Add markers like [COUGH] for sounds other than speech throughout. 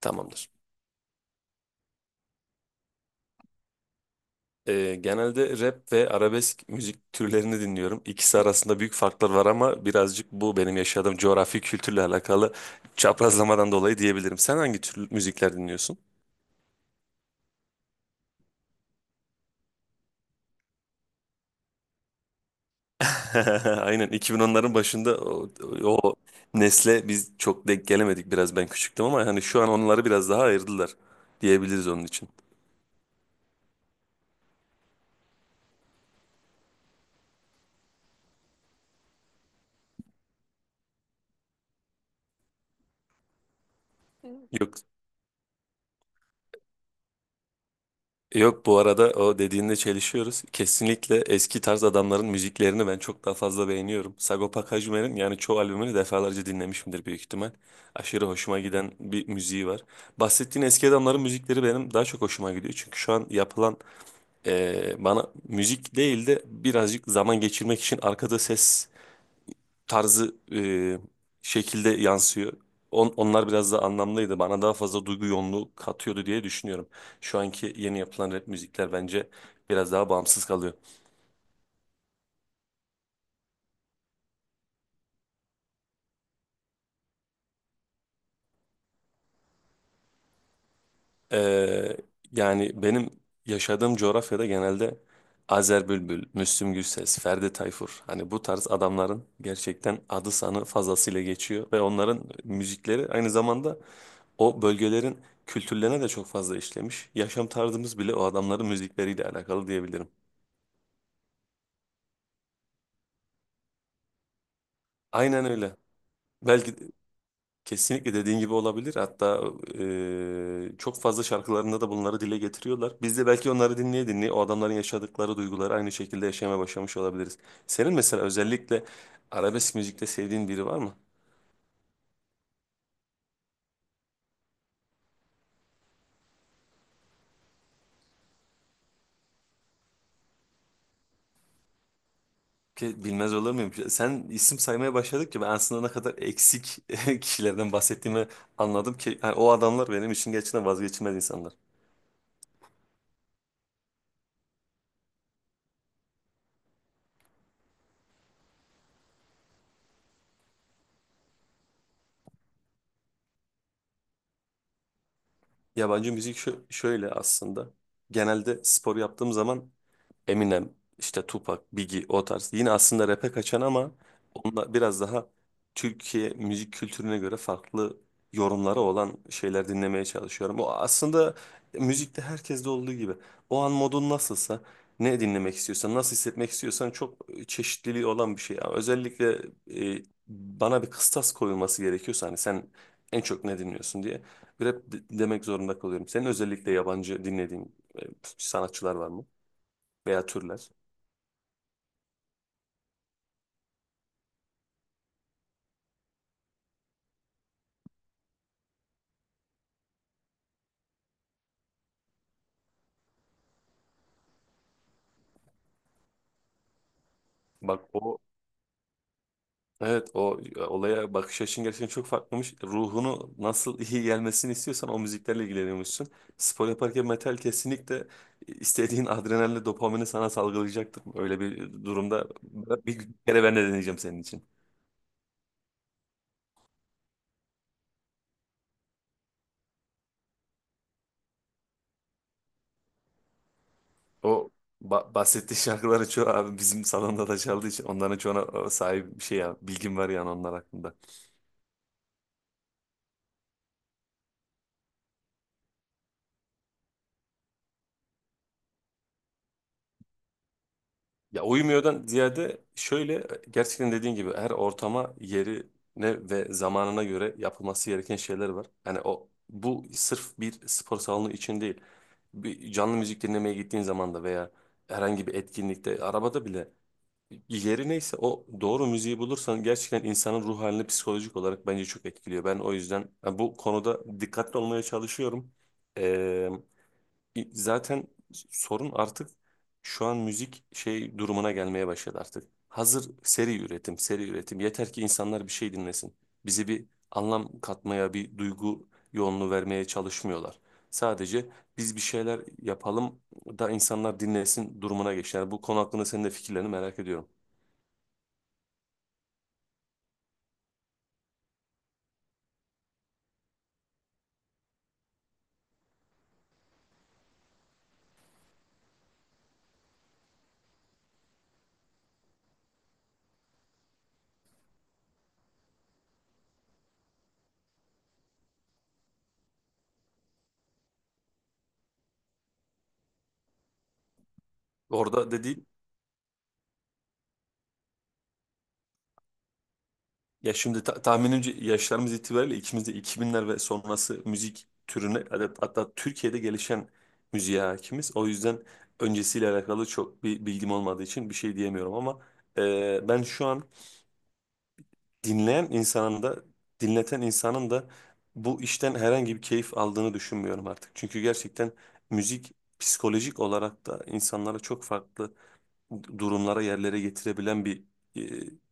Tamamdır. Genelde rap ve arabesk müzik türlerini dinliyorum. İkisi arasında büyük farklar var ama birazcık bu benim yaşadığım coğrafi kültürle alakalı çaprazlamadan dolayı diyebilirim. Sen hangi tür müzikler dinliyorsun? [LAUGHS] Aynen 2010'ların başında o nesle biz çok denk gelemedik, biraz ben küçüktüm ama hani şu an onları biraz daha ayırdılar diyebiliriz onun için. Yok Yok, bu arada o dediğinde çelişiyoruz. Kesinlikle eski tarz adamların müziklerini ben çok daha fazla beğeniyorum. Sagopa Kajmer'in yani çoğu albümünü defalarca dinlemişimdir büyük ihtimal. Aşırı hoşuma giden bir müziği var. Bahsettiğin eski adamların müzikleri benim daha çok hoşuma gidiyor. Çünkü şu an yapılan bana müzik değil de birazcık zaman geçirmek için arkada ses tarzı şekilde yansıyor. Onlar biraz daha anlamlıydı. Bana daha fazla duygu yoğunluğu katıyordu diye düşünüyorum. Şu anki yeni yapılan rap müzikler bence biraz daha bağımsız kalıyor. Ee, Yani benim yaşadığım coğrafyada genelde Azer Bülbül, Müslüm Gürses, Ferdi Tayfur, hani bu tarz adamların gerçekten adı sanı fazlasıyla geçiyor ve onların müzikleri aynı zamanda o bölgelerin kültürlerine de çok fazla işlemiş. Yaşam tarzımız bile o adamların müzikleriyle alakalı diyebilirim. Aynen öyle. Belki kesinlikle dediğin gibi olabilir. Hatta çok fazla şarkılarında da bunları dile getiriyorlar. Biz de belki onları dinleye dinleye o adamların yaşadıkları duyguları aynı şekilde yaşamaya başlamış olabiliriz. Senin mesela özellikle arabesk müzikte sevdiğin biri var mı? Ki bilmez olur muyum? Sen isim saymaya başladıkça ben aslında ne kadar eksik [LAUGHS] kişilerden bahsettiğimi anladım ki, yani o adamlar benim için gerçekten vazgeçilmez insanlar. Yabancı müzik şöyle aslında. Genelde spor yaptığım zaman Eminem, işte Tupac, Biggie, o tarz. Yine aslında rap'e kaçan ama onunla biraz daha Türkiye müzik kültürüne göre farklı yorumları olan şeyler dinlemeye çalışıyorum. O aslında müzikte herkeste olduğu gibi. O an modun nasılsa, ne dinlemek istiyorsan, nasıl hissetmek istiyorsan çok çeşitliliği olan bir şey. Ama özellikle e, bana bir kıstas koyulması gerekiyorsa hani sen en çok ne dinliyorsun diye demek zorunda kalıyorum. Senin özellikle yabancı dinlediğin e, sanatçılar var mı? Veya türler? Bak evet, olaya bakış açın gerçekten çok farklıymış. Ruhunu nasıl iyi gelmesini istiyorsan o müziklerle ilgileniyormuşsun. Spor yaparken metal kesinlikle istediğin adrenalinle dopamini sana salgılayacaktır. Öyle bir durumda bir kere ben de deneyeceğim senin için. O bahsettiği şarkıların çoğu abi bizim salonda da çaldığı için onların çoğuna sahip bir şey, ya bilgim var yani onlar hakkında. Ya uyumuyordan ziyade şöyle, gerçekten dediğin gibi her ortama, yerine ve zamanına göre yapılması gereken şeyler var. Yani o bu sırf bir spor salonu için değil. Bir canlı müzik dinlemeye gittiğin zaman da veya herhangi bir etkinlikte, arabada bile yeri neyse o doğru müziği bulursan gerçekten insanın ruh halini psikolojik olarak bence çok etkiliyor. Ben o yüzden yani bu konuda dikkatli olmaya çalışıyorum. Zaten sorun artık şu an müzik şey durumuna gelmeye başladı artık. Hazır seri üretim, seri üretim. Yeter ki insanlar bir şey dinlesin. Bize bir anlam katmaya, bir duygu yoğunluğu vermeye çalışmıyorlar. Sadece biz bir şeyler yapalım da insanlar dinlesin durumuna geçtiler. Bu konu hakkında senin de fikirlerini merak ediyorum. Orada dedi. Ya şimdi tahminimce yaşlarımız itibariyle ikimiz de 2000'ler ve sonrası müzik türüne, hatta Türkiye'de gelişen müziğe hakimiz. O yüzden öncesiyle alakalı çok bir bilgim olmadığı için bir şey diyemiyorum ama ben şu an dinleyen insanın da dinleten insanın da bu işten herhangi bir keyif aldığını düşünmüyorum artık. Çünkü gerçekten müzik psikolojik olarak da insanlara çok farklı durumlara, yerlere getirebilen bir e,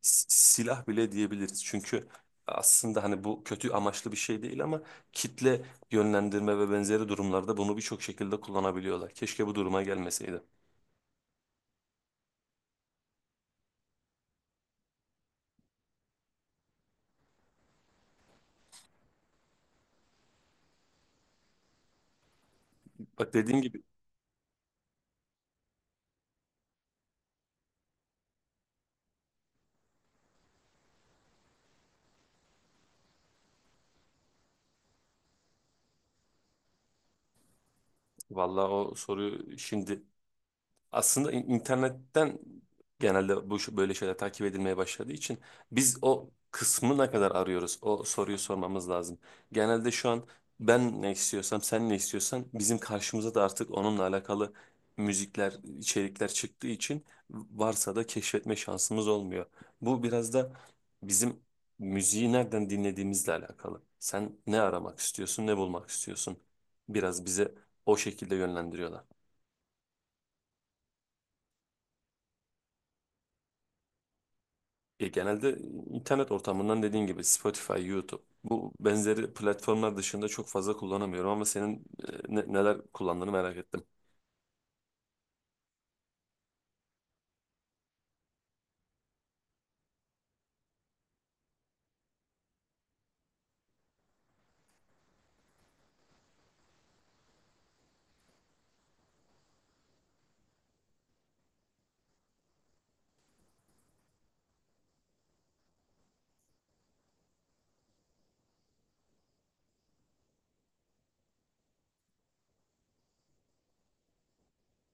silah bile diyebiliriz. Çünkü aslında hani bu kötü amaçlı bir şey değil ama kitle yönlendirme ve benzeri durumlarda bunu birçok şekilde kullanabiliyorlar. Keşke bu duruma gelmeseydi. Bak dediğim gibi, vallahi o soruyu şimdi aslında internetten genelde böyle şeyler takip edilmeye başladığı için biz o kısmı ne kadar arıyoruz? O soruyu sormamız lazım. Genelde şu an ben ne istiyorsam, sen ne istiyorsan bizim karşımıza da artık onunla alakalı müzikler, içerikler çıktığı için, varsa da keşfetme şansımız olmuyor. Bu biraz da bizim müziği nereden dinlediğimizle alakalı. Sen ne aramak istiyorsun, ne bulmak istiyorsun? Biraz bize o şekilde yönlendiriyorlar. Ya genelde internet ortamından dediğin gibi Spotify, YouTube bu benzeri platformlar dışında çok fazla kullanamıyorum ama senin neler kullandığını merak ettim.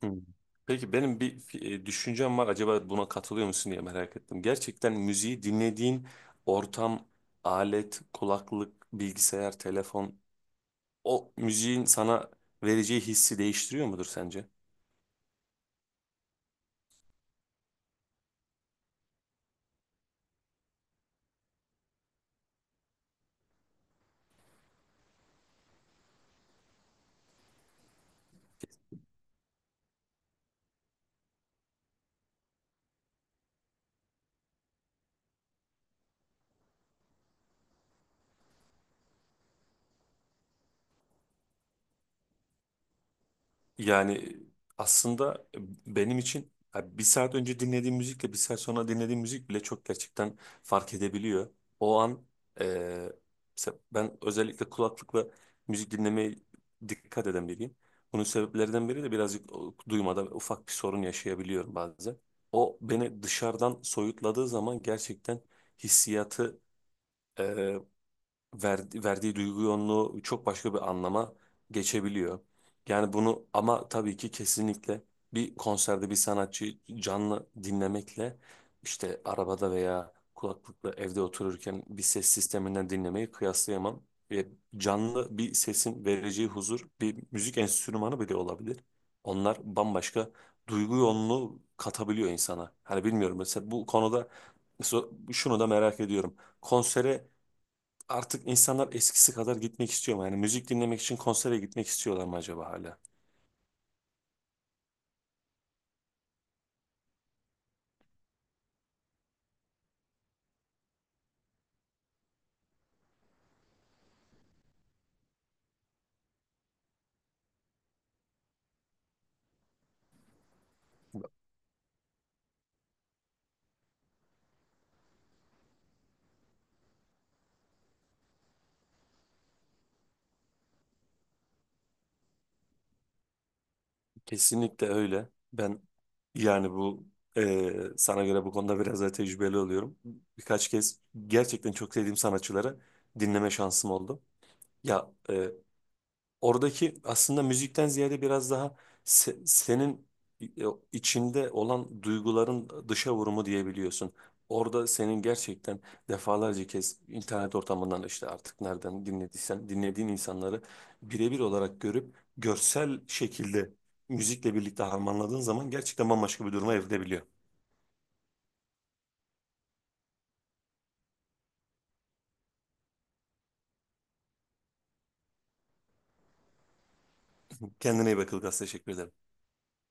Hmm. Peki benim bir düşüncem var, acaba buna katılıyor musun diye merak ettim. Gerçekten müziği dinlediğin ortam, alet, kulaklık, bilgisayar, telefon o müziğin sana vereceği hissi değiştiriyor mudur sence? Yani aslında benim için ya bir saat önce dinlediğim müzikle bir saat sonra dinlediğim müzik bile çok gerçekten fark edebiliyor. O an eee, mesela ben özellikle kulaklıkla müzik dinlemeye dikkat eden biriyim. Bunun sebeplerinden biri de birazcık duymada ufak bir sorun yaşayabiliyorum bazen. O beni dışarıdan soyutladığı zaman gerçekten hissiyatı verdiği duygu yoğunluğu çok başka bir anlama geçebiliyor. Yani bunu, ama tabii ki kesinlikle bir konserde bir sanatçıyı canlı dinlemekle işte arabada veya kulaklıkla evde otururken bir ses sisteminden dinlemeyi kıyaslayamam. E, Canlı bir sesin vereceği huzur bir müzik enstrümanı bile olabilir. Onlar bambaşka duygu yoğunluğu katabiliyor insana. Hani bilmiyorum, mesela bu konuda mesela şunu da merak ediyorum. Konsere artık insanlar eskisi kadar gitmek istiyor mu? Yani müzik dinlemek için konsere gitmek istiyorlar mı acaba hala? Kesinlikle öyle. Ben yani bu sana göre bu konuda biraz daha tecrübeli oluyorum. Birkaç kez gerçekten çok sevdiğim sanatçıları dinleme şansım oldu. Ya e, Oradaki aslında müzikten ziyade biraz daha senin e, içinde olan duyguların dışa vurumu diyebiliyorsun. Orada senin gerçekten defalarca kez internet ortamından işte artık nereden dinlediysen dinlediğin insanları birebir olarak görüp görsel şekilde müzikle birlikte harmanladığın zaman gerçekten bambaşka bir duruma evrilebiliyor. Kendine iyi bakıl Ilgaz. Teşekkür ederim.